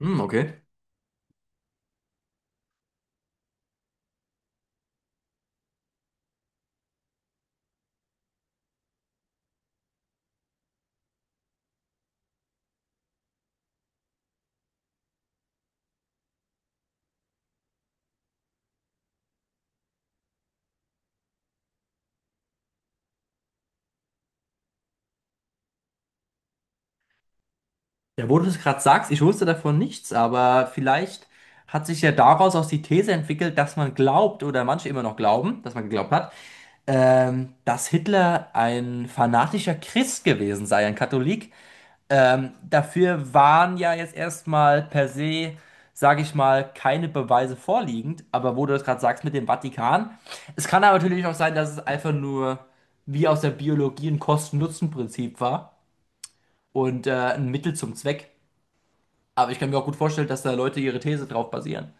Hm, okay. Ja, wo du das gerade sagst, ich wusste davon nichts, aber vielleicht hat sich ja daraus auch die These entwickelt, dass man glaubt, oder manche immer noch glauben, dass man geglaubt hat, dass Hitler ein fanatischer Christ gewesen sei, ein Katholik. Dafür waren ja jetzt erstmal per se, sage ich mal, keine Beweise vorliegend. Aber wo du das gerade sagst mit dem Vatikan, es kann aber natürlich auch sein, dass es einfach nur wie aus der Biologie ein Kosten-Nutzen-Prinzip war und ein Mittel zum Zweck. Aber ich kann mir auch gut vorstellen, dass da Leute ihre These drauf basieren.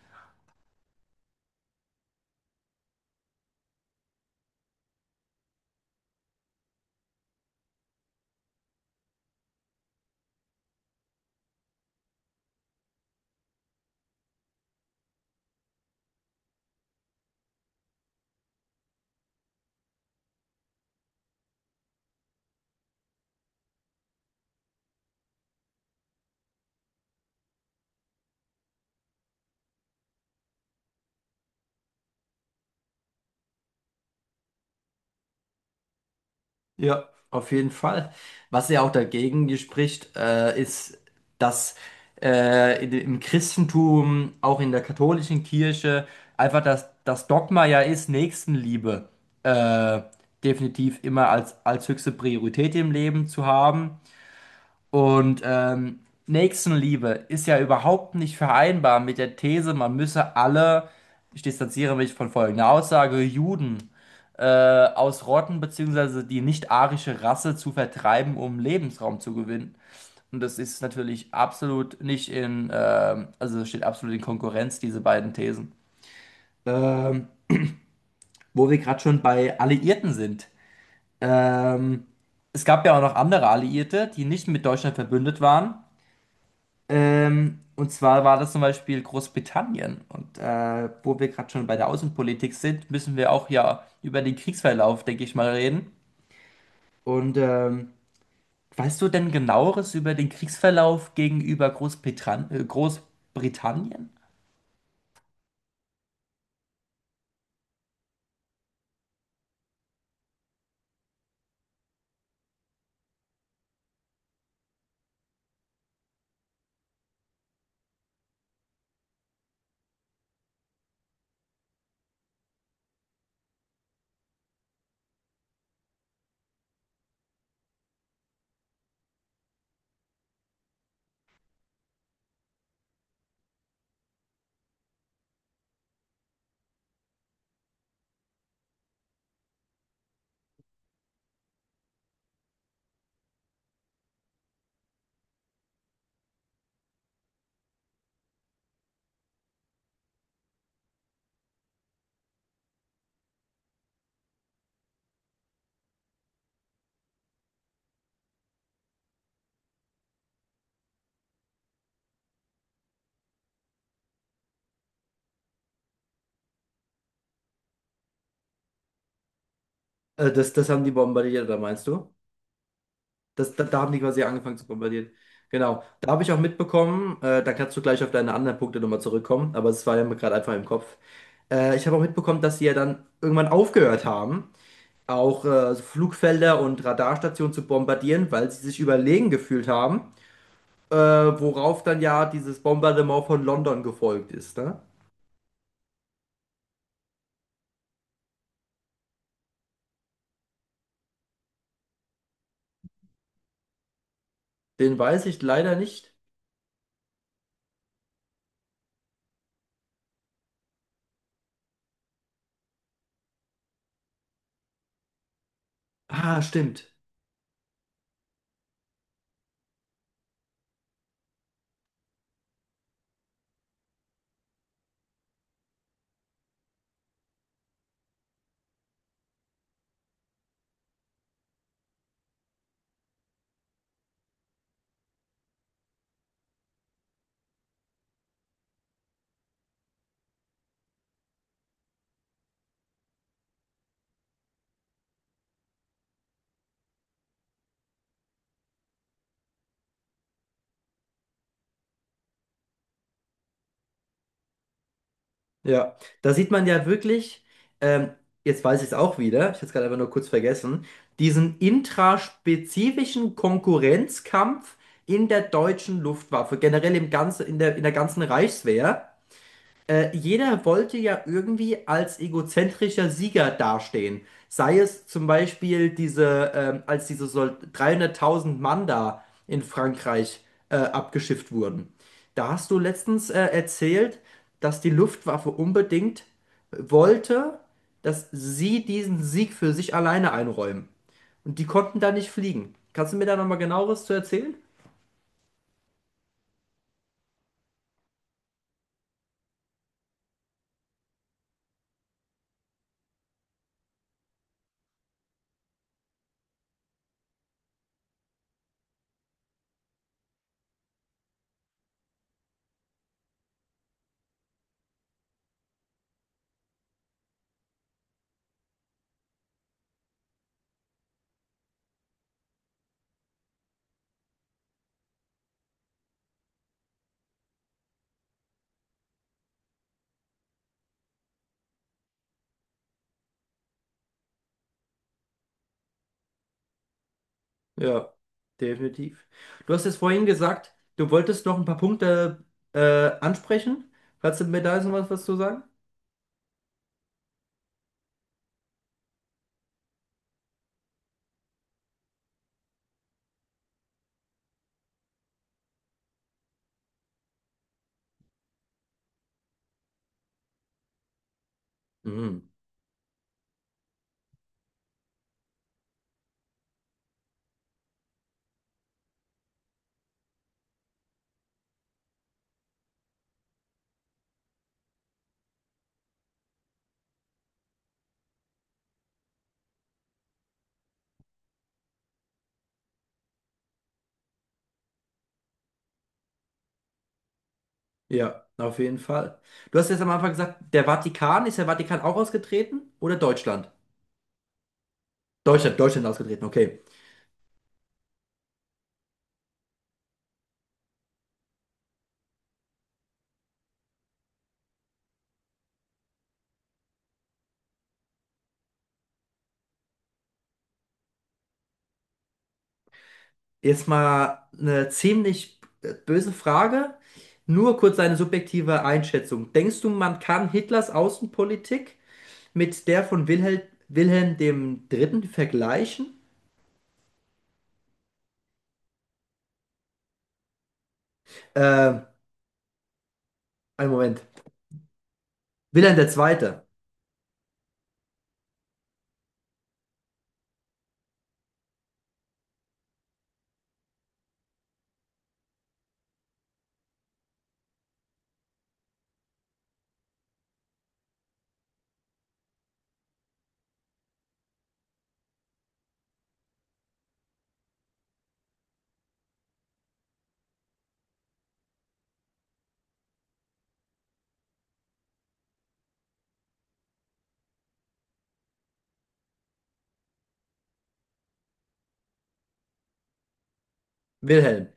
Ja, auf jeden Fall. Was ja auch dagegen spricht, ist, dass im Christentum, auch in der katholischen Kirche, einfach das Dogma ja ist, Nächstenliebe äh, definitiv immer als höchste Priorität im Leben zu haben. Und Nächstenliebe ist ja überhaupt nicht vereinbar mit der These, man müsse alle, ich distanziere mich von folgender Aussage, Juden ausrotten, beziehungsweise die nicht-arische Rasse zu vertreiben, um Lebensraum zu gewinnen. Und das ist natürlich absolut nicht in, also es steht absolut in Konkurrenz, diese beiden Thesen. Ähm, Wo wir gerade schon bei Alliierten sind. Ähm, Es gab ja auch noch andere Alliierte, die nicht mit Deutschland verbündet waren. Und zwar war das zum Beispiel Großbritannien. Und wo wir gerade schon bei der Außenpolitik sind, müssen wir auch ja über den Kriegsverlauf, denke ich mal, reden. Und weißt du denn genaueres über den Kriegsverlauf gegenüber Großbritannien? Großbritannien? Das haben die bombardiert, da meinst du? Da haben die quasi angefangen zu bombardieren. Genau. Da habe ich auch mitbekommen, da kannst du gleich auf deine anderen Punkte nochmal zurückkommen, aber es war ja mir gerade einfach im Kopf. Ich habe auch mitbekommen, dass sie ja dann irgendwann aufgehört haben, auch also Flugfelder und Radarstationen zu bombardieren, weil sie sich überlegen gefühlt haben, worauf dann ja dieses Bombardement von London gefolgt ist. Ne? Den weiß ich leider nicht. Ah, stimmt. Ja, da sieht man ja wirklich, ähm, jetzt weiß ich es auch wieder, ich hätte es gerade einfach nur kurz vergessen, diesen intraspezifischen Konkurrenzkampf in der deutschen Luftwaffe, generell im ganzen, in der ganzen Reichswehr. Jeder wollte ja irgendwie als egozentrischer Sieger dastehen. Sei es zum Beispiel diese, als diese Sol 300.000 Mann da in Frankreich abgeschifft wurden. Da hast du letztens erzählt, dass die Luftwaffe unbedingt wollte, dass sie diesen Sieg für sich alleine einräumen. Und die konnten da nicht fliegen. Kannst du mir da nochmal genaueres zu erzählen? Ja, definitiv. Du hast es vorhin gesagt, du wolltest noch ein paar Punkte äh, ansprechen. Kannst du mir da jetzt noch was, was zu sagen? Mhm. Ja, auf jeden Fall. Du hast jetzt am Anfang gesagt, der Vatikan, ist der Vatikan auch ausgetreten oder Deutschland? Deutschland ausgetreten, okay. Jetzt mal eine ziemlich böse Frage. Nur kurz deine subjektive Einschätzung. Denkst du, man kann Hitlers Außenpolitik mit der von Wilhelm dem Dritten vergleichen? Ähm, Einen Moment. Wilhelm der Zweite. Wilhelm.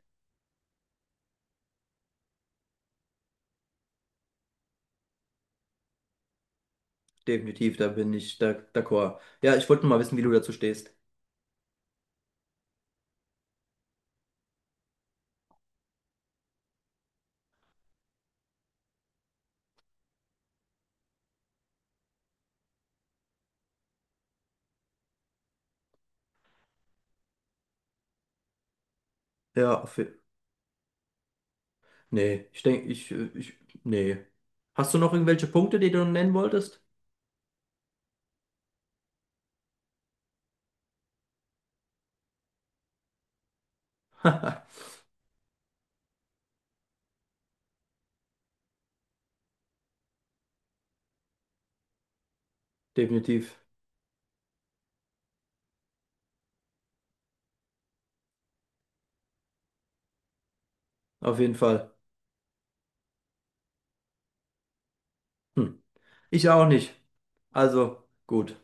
Definitiv, da bin ich da, d'accord. Ja, ich wollte nur mal wissen, wie du dazu stehst. Ja, nee, ich denke, nee. Hast du noch irgendwelche Punkte, die du nennen wolltest? Definitiv, auf jeden Fall. Hm. Ich auch nicht. Also, gut.